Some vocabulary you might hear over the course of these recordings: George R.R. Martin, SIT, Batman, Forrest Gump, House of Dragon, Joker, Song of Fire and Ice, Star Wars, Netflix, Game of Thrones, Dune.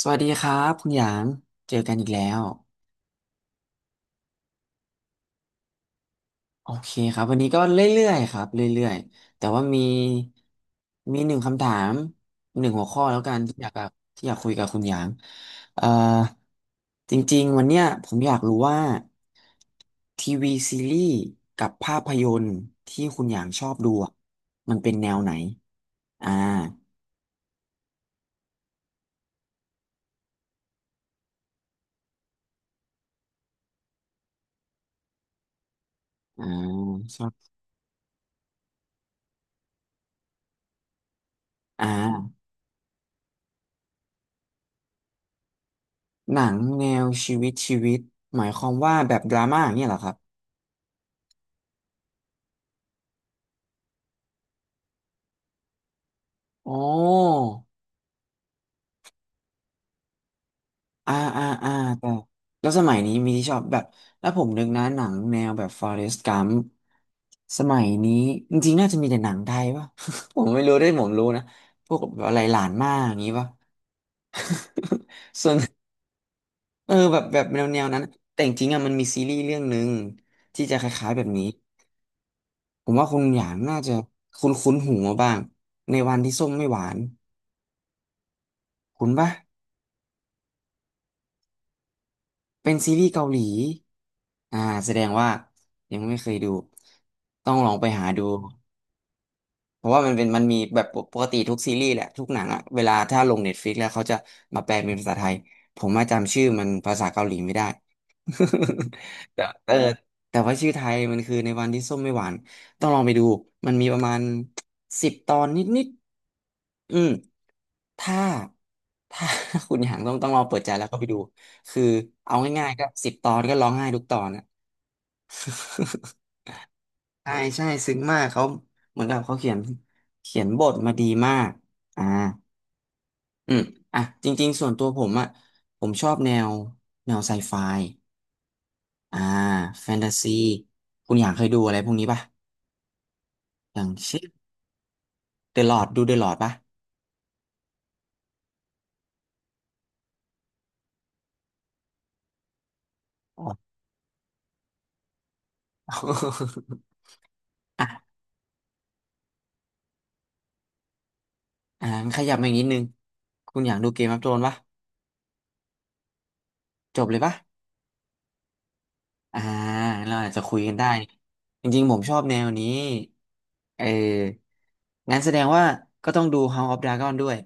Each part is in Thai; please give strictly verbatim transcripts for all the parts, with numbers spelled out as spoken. สวัสดีครับคุณหยาง เจอกันอีกแล้วโอเคครับวันนี้ก็เรื่อยๆครับเรื่อยๆแต่ว่ามีมีหนึ่งคำถามหนึ่งหัวข้อแล้วกันที่อยากกับที่อยากคุยกับคุณหยางเอ่อจริงๆวันเนี้ยผมอยากรู้ว่าทีวีซีรีส์กับภาพยนตร์ที่คุณหยางชอบดูอะมันเป็นแนวไหนอ่าอ่าชอบอ่าหนังแนวชีวิตชีวิตหมายความว่าแบบดราม่าอย่างเนี่ยเหรอครับ โอ้อ่าอ่าอ่าแต่แล้วสมัยนี้มีที่ชอบแบบแล้วผมนึกนะหนังแนวแบบ Forrest Gump สมัยนี้จริงๆน่าจะมีแต่หนังไทยป่ะ ผมไม่รู้ด้วยผมรู้นะพวกแบบอะไรหลานมากอย่างงี้ป่ะ ส่วนเออแบบแบบแนวแนวนั้นแต่จริงๆอ่ะมันมีซีรีส์เรื่องหนึ่งที่จะคล้ายๆแบบนี้ผมว่าคุณหยางน่าจะคุ้นคุ้นหูมาบ้างในวันที่ส้มไม่หวานคุ้นปะ เป็นซีรีส์เกาหลีอ่าแสดงว่ายังไม่เคยดู ต้องลองไปหาดู เพราะว่ามันเป็นมันมีแบบปกติทุกซีรีส์แหละ ทุกหนังอะเวลาถ้าลงเน็ตฟลิกแล้วเขาจะมาแปลเป็นภาษาไทย ผมมาจำชื่อมันภาษาเกาหลีไม่ได้ แต่เออแต่ว่าชื่อไทยมันคือในวันที่ส้มไม่หวาน ต้องลองไปดู มันมีประมาณสิบตอนนิดๆอืม ถ้าถ้า คุณอยากต้องต้องลองเปิดใจแล้วก็ไปดูคือเอาง่ายๆก็สิบตอนก็ร้องไห้ทุกตอนอะ ใช่ใช่ซึ้งมากเขาเหมือนกับเขาเขียนเขียนบทมาดีมากอ่าอืมอ่ะจริงๆส่วนตัวผมอ่ะผมชอบแนวแนวไซไฟอ่าแฟนตาซีคุณอยากเคยดูอะไรพวกนี้ป่ะอย่างเช่นเดอะลอดดูเดอะลอดป่ะอ๋อ อ่ะอ่าขยับมาอีกนิดนึงคุณอยากดูเกมออฟโธรนป่ะจบเลยป่ะ อ่าเราอาจจะคุยกันได้จริงๆผมชอบแนวนี้เอองั้นแสดงว่าก็ต้องดู House of Dragon ด้วย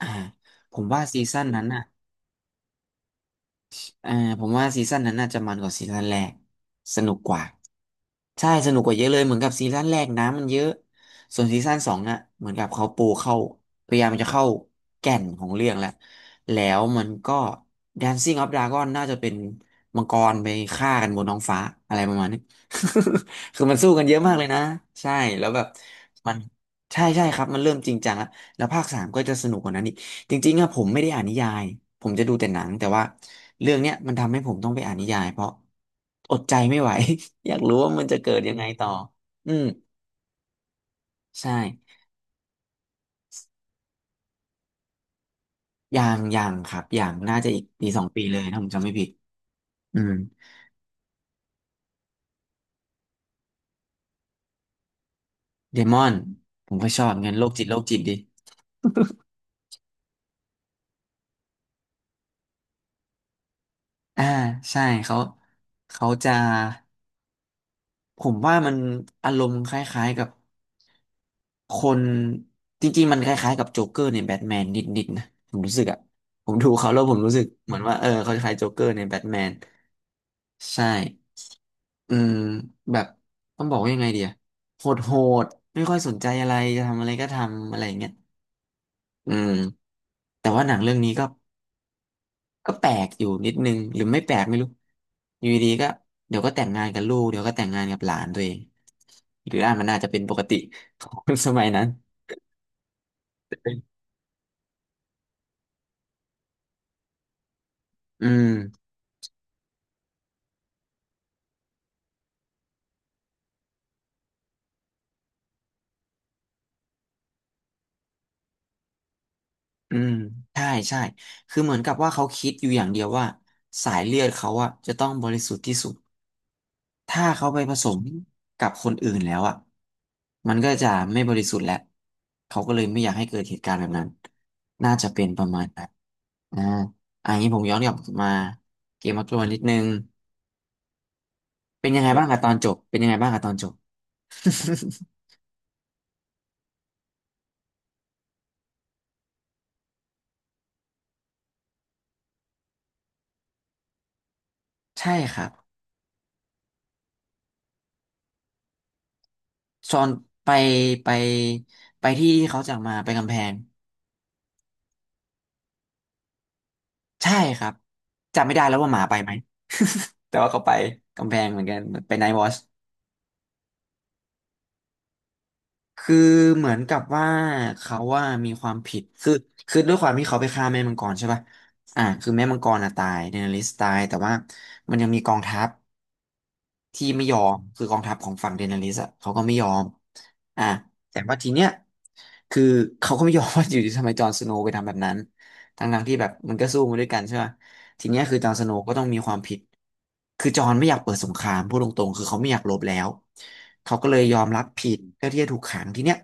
อ่าผมว่าซีซั่นนั้นน่ะ อ่าผมว่าซีซั่นนั้นน่าจะมันกว่าซีซั่นแรกสนุกกว่าใช่สนุกกว่าเยอะเลยเหมือนกับซีซั่นแรกน้ำมันเยอะส่วนซีซั่นสองน่ะเหมือนกับเขาปูเข้าพยายามจะเข้าแก่นของเรื่องแหละแล้วมันก็ Dancing of Dragon น่าจะเป็นมังกรไปฆ่ากันบนท้องฟ้าอะไรประมาณนี้ คือมันสู้กันเยอะมากเลยนะใช่แล้วแบบมันใช่ใช่ครับมันเริ่มจริงจังแล้วแล้วภาคสามก็จะสนุกกว่านั้น จริงๆอะผมไม่ได้อ่านนิยาย ผมจะดูแต่หนังแต่ว่าเรื่องเนี้ยมันทำให้ผมต้องไปอ่านนิยายเพราะอดใจไม่ไหว อยากรู้ว่ามันจะเกิดยังไงต่ออืมใช่อย่างอย่างครับอย่างน่าจะอีกปีสองปีเลยถ้าผมจำไม่ผิดอืมเดมอนผมก็ชอบเงินโรคจิตโรคจิตดิอ่าใช่เขาเขาจะผมว่ามันอารมณ์คล้ายๆกับ คนจริงๆมันคล้ายๆกับโจ๊กเกอร์ในแบทแมนนิดๆนะผมรู้สึกอะผมดูเขาแล้วผมรู้สึกเหมือนว่าเออเขาคล้ายโจ๊กเกอร์ในแบทแมนใช่อืมแบบต้องบอกว่ายังไงเดียโหดโหดไม่ค่อยสนใจอะไรจะทำอะไรก็ทำอะไรอย่างเงี้ยอืมแต่ว่าหนังเรื่องนี้ก็ก็แปลกอยู่นิดนึงหรือไม่แปลกไม่รู้อยู่ดีๆก็เดี๋ยวก็แต่งงานกับลูกเดี๋ยวก็แต่งงานกับหลานตัวเองหรืออ่านมันอาจจะเป็นปกติของ คนสมัยนั้นอืม อืมใช่ใช่คือเหมือนกับว่าเขาคิดอยู่อย่างเดียวว่าสายเลือดเขาอะจะต้องบริสุทธิ์ที่สุดถ้าเขาไปผสมกับคนอื่นแล้วอะมันก็จะไม่บริสุทธิ์แล้วเขาก็เลยไม่อยากให้เกิดเหตุการณ์แบบนั้นน่าจะเป็นประมาณนั้นอ่าอันนี้ผมย้อนกลับมาเกมมาตัวนิดนึงเป็นยังไงบ้างอะตอนจบเป็นยังไงบ้างอะตอนจบ ใช่ครับซอนไปไปไปที่ที่เขาจากมาไปกำแพง ใช่ครับจำไม่ได้แล้วว่าหมาไปไหม แต่ว่าเขาไปกำแพงเหมือนกันไปไนท์วอชคือเหมือนกับว่าเขาว่ามีความผิดคือคือด้วยความที่เขาไปฆ่าแม่มังกรใช่ป่ะอ่าคือแม่มังกรอ่ะตายเดนาริสตายแต่ว่ามันยังมีกองทัพ ที่ไม่ยอมคือกองทัพของฝั่งเดนาริสอะเขาก็ไม่ยอมอ่ะแต่ว่าทีเนี้ยคือเขาก็ไม่ยอม ว่าอยู่ดีทำไมจอห์นสโนว์ไปทำแบบนั้นทั้งๆที่แบบมันก็สู้มาด้วยกันใช่ไหมทีเนี้ยคือจอห์นสโนว์ก็ต้องมีความผิดคือจอห์นไม่อยากเปิดสงครามพูดตรงๆคือเขาไม่อยากรบแล้วเขาก็เลยยอมรับผิดเพื่อที่จะถูกขังทีเนี้ย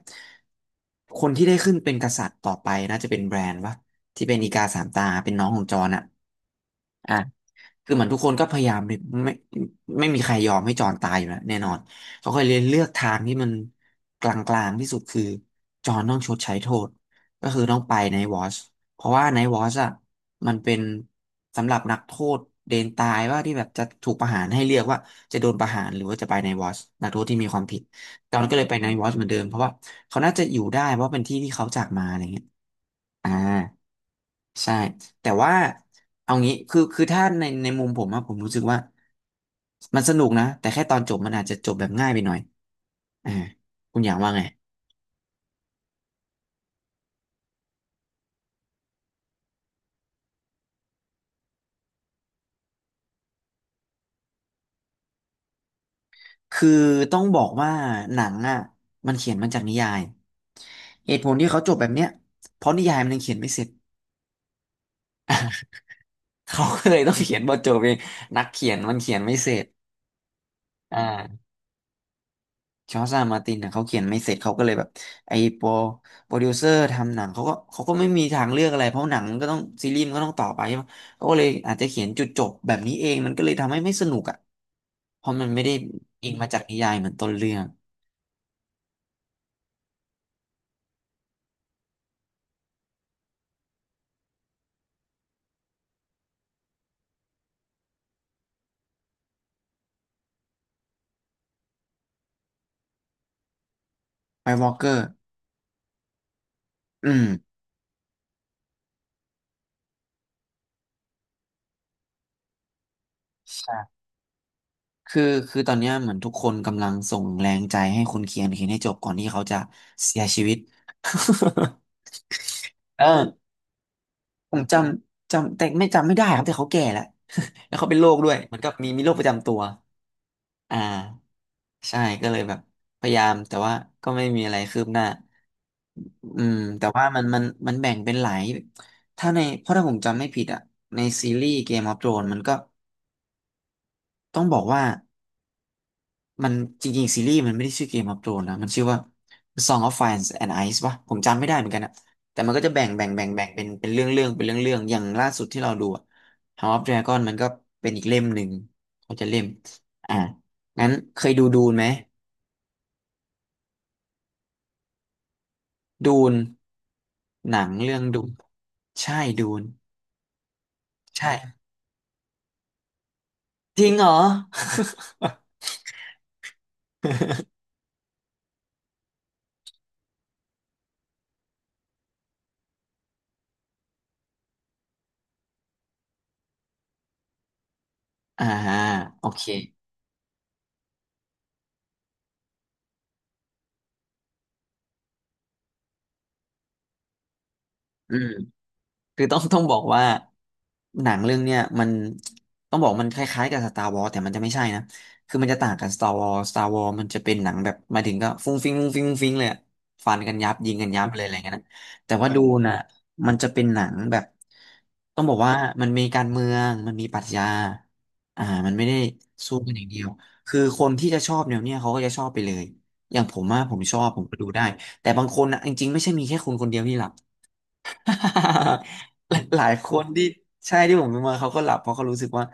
คนที่ได้ขึ้นเป็นกษัตริย์ต่อไปน่าจะเป็นแบรนด์วะที่เป็นอีกาสามตาเป็นน้องของจอห์นอะอ่ะ คือเหมือนทุกคนก็พยายามไม่ไม่ไม่มีใครยอมให้จอนตายอยู่แล้วแน่นอนเขาก็เลยเลือกทางที่มันกลางๆที่สุดคือจอนต้องชดใช้โทษก็คือต้องไปในวอชเพราะว่าในวอชอ่ะมันเป็นสำหรับนักโทษเดนตายว่าที่แบบจะถูกประหารให้เลือกว่าจะโดนประหารหรือว่าจะไปในวอชนักโทษที่มีความผิดจอนก็เลยไปในวอชเหมือนเดิมเพราะว่าเขาน่าจะอยู่ได้เพราะเป็นที่ที่เขาจากมาอะไรเงี้ยอ่าใช่ แต่ว่าเอางี้คือคือถ้าในในมุมผมอะผมรู้สึกว่ามันสนุกนะแต่แค่ตอนจบมันอาจจะจบแบบง่ายไปหน่อยอ่าคุณอยากว่าไงคือต้องบอกว่าหนังอะมันเขียนมาจากนิยายเหตุผลที่เขาจบแบบเนี้ยเพราะนิยายมันยังเขียนไม่เสร็จ เขาก็เลยต้องเขียนบทจบเองนักเขียนมันเขียนไม่เสร็จอ่า จอร์จอาร์มาตินเนะเขาเขียนไม่เสร็จเขาก็เลยแบบไอ้โปรโปรดิวเซอร์ทำหนังเขาก็เขาก็ไม่มีทางเลือกอะไรเพราะหนังมันก็ต้องซีรีส์มันก็ต้องต่อไปใช่ไหมเขาก็เลยอาจจะเขียนจุดจบแบบนี้เองมันก็เลยทำให้ไม่สนุกอ่ะเพราะมันไม่ได้อิงมาจากนิยายเหมือนต้นเรื่องไวท์วอล์กเกอร์อืมใช่คือคือตอนเนี้ยเหมือนทุกคนกำลังส่งแรงใจให้คนเขียนเขียนให้จบก่อนที่เขาจะเสียชีวิต เออผมจำจำแต่ไม่จำไม่ได้ครับแต่เขาแก่แล้ว แล้วเขาเป็นโรคด้วยเหมือนกับมีมีโรคประจำตัว อ่าใช่ก็เลยแบบพยายามแต่ว่าก็ไม่มีอะไรคืบหน้าอืมแต่ว่ามันมันมันแบ่งเป็นหลายถ้าในเพราะถ้าผมจำไม่ผิดอ่ะในซีรีส์ Game of Thrones มันก็ต้องบอกว่ามันจริงๆซีรีส์มันไม่ได้ชื่อ Game of Thrones นะมันชื่อว่า Song of Fire and Ice ป่ะผมจำไม่ได้เหมือนกันอะแต่มันก็จะแบ่งแบ่งแบ่งแบ่งเป็นเป็นเรื่องเรื่องเป็นเรื่องเรื่องอย่างล่าสุดที่เราดูอะ House of Dragon มันก็เป็นอีกเล่มหนึ่งเขาจะเล่มอ่างั้นเคยดูดูนไหม ดูน หนังเรื่องดูนใช่ดูน ใช่จริงเหรอ อ่าโอเคอืม คือต้อง ต้องบอกว่าหนังเรื่องเนี้ยมันต้องบอกมันคล้ายๆกับ Star Wars แต่มันจะไม่ใช่นะคือมันจะต่างกับ Star Wars Star Wars มันจะเป็นหนังแบบมาถึงก็ฟุ้งฟิ้งฟุ้งฟิ้งฟุ้งฟิ้งเลยอะฟันกันยับยิงกันยับเลยอะไรเงี้ยนะแต่ว่าดูนะมันจะเป็นหนังแบบต้องบอกว่ามันมีการเมืองมันมีปรัชญาอ่ามันไม่ได้สู้กันอย่างเดียวคือคนที่จะชอบแนวเนี้ยเขาก็จะชอบไปเลยอย่างผมอะผมชอบผมก็ดูได้แต่บางคนนะจริงๆไม่ใช่มีแค่คุณคนเดียวที่หลับ หลายหลายคนที่ใช่ที่ผมดูมาเขาก็หลับเพราะเขารู้สึกว่า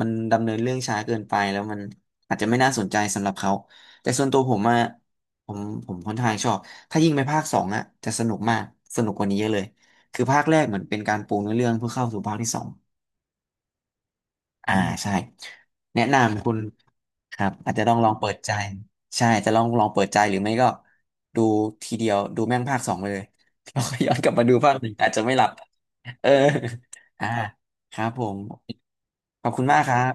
มันดำเนินเรื่องช้าเกินไปแล้วมันอาจจะไม่น่าสนใจสำหรับเขาแต่ส่วนตัวผมอะผมผมค่อนข้างชอบถ้ายิ่งไปภาคสองอะจะสนุกมากสนุกกว่านี้เยอะเลยคือภาคแรกเหมือนเป็นการปูเนื้อเรื่องเพื่อเข้าสู่ภาคที่สองอ่าใช่แนะนำคุณครับอาจจะต้องลองเปิดใจใช่จะลองลองเปิดใจหรือไม่ก็ดูทีเดียวดูแม่งภาคสองไปเลย แล้วก็ย้อนกลับมาดูภาคหนึ่งอาจจะไม่หลับ เออ อ่าครับผม ขอบคุณมากครับ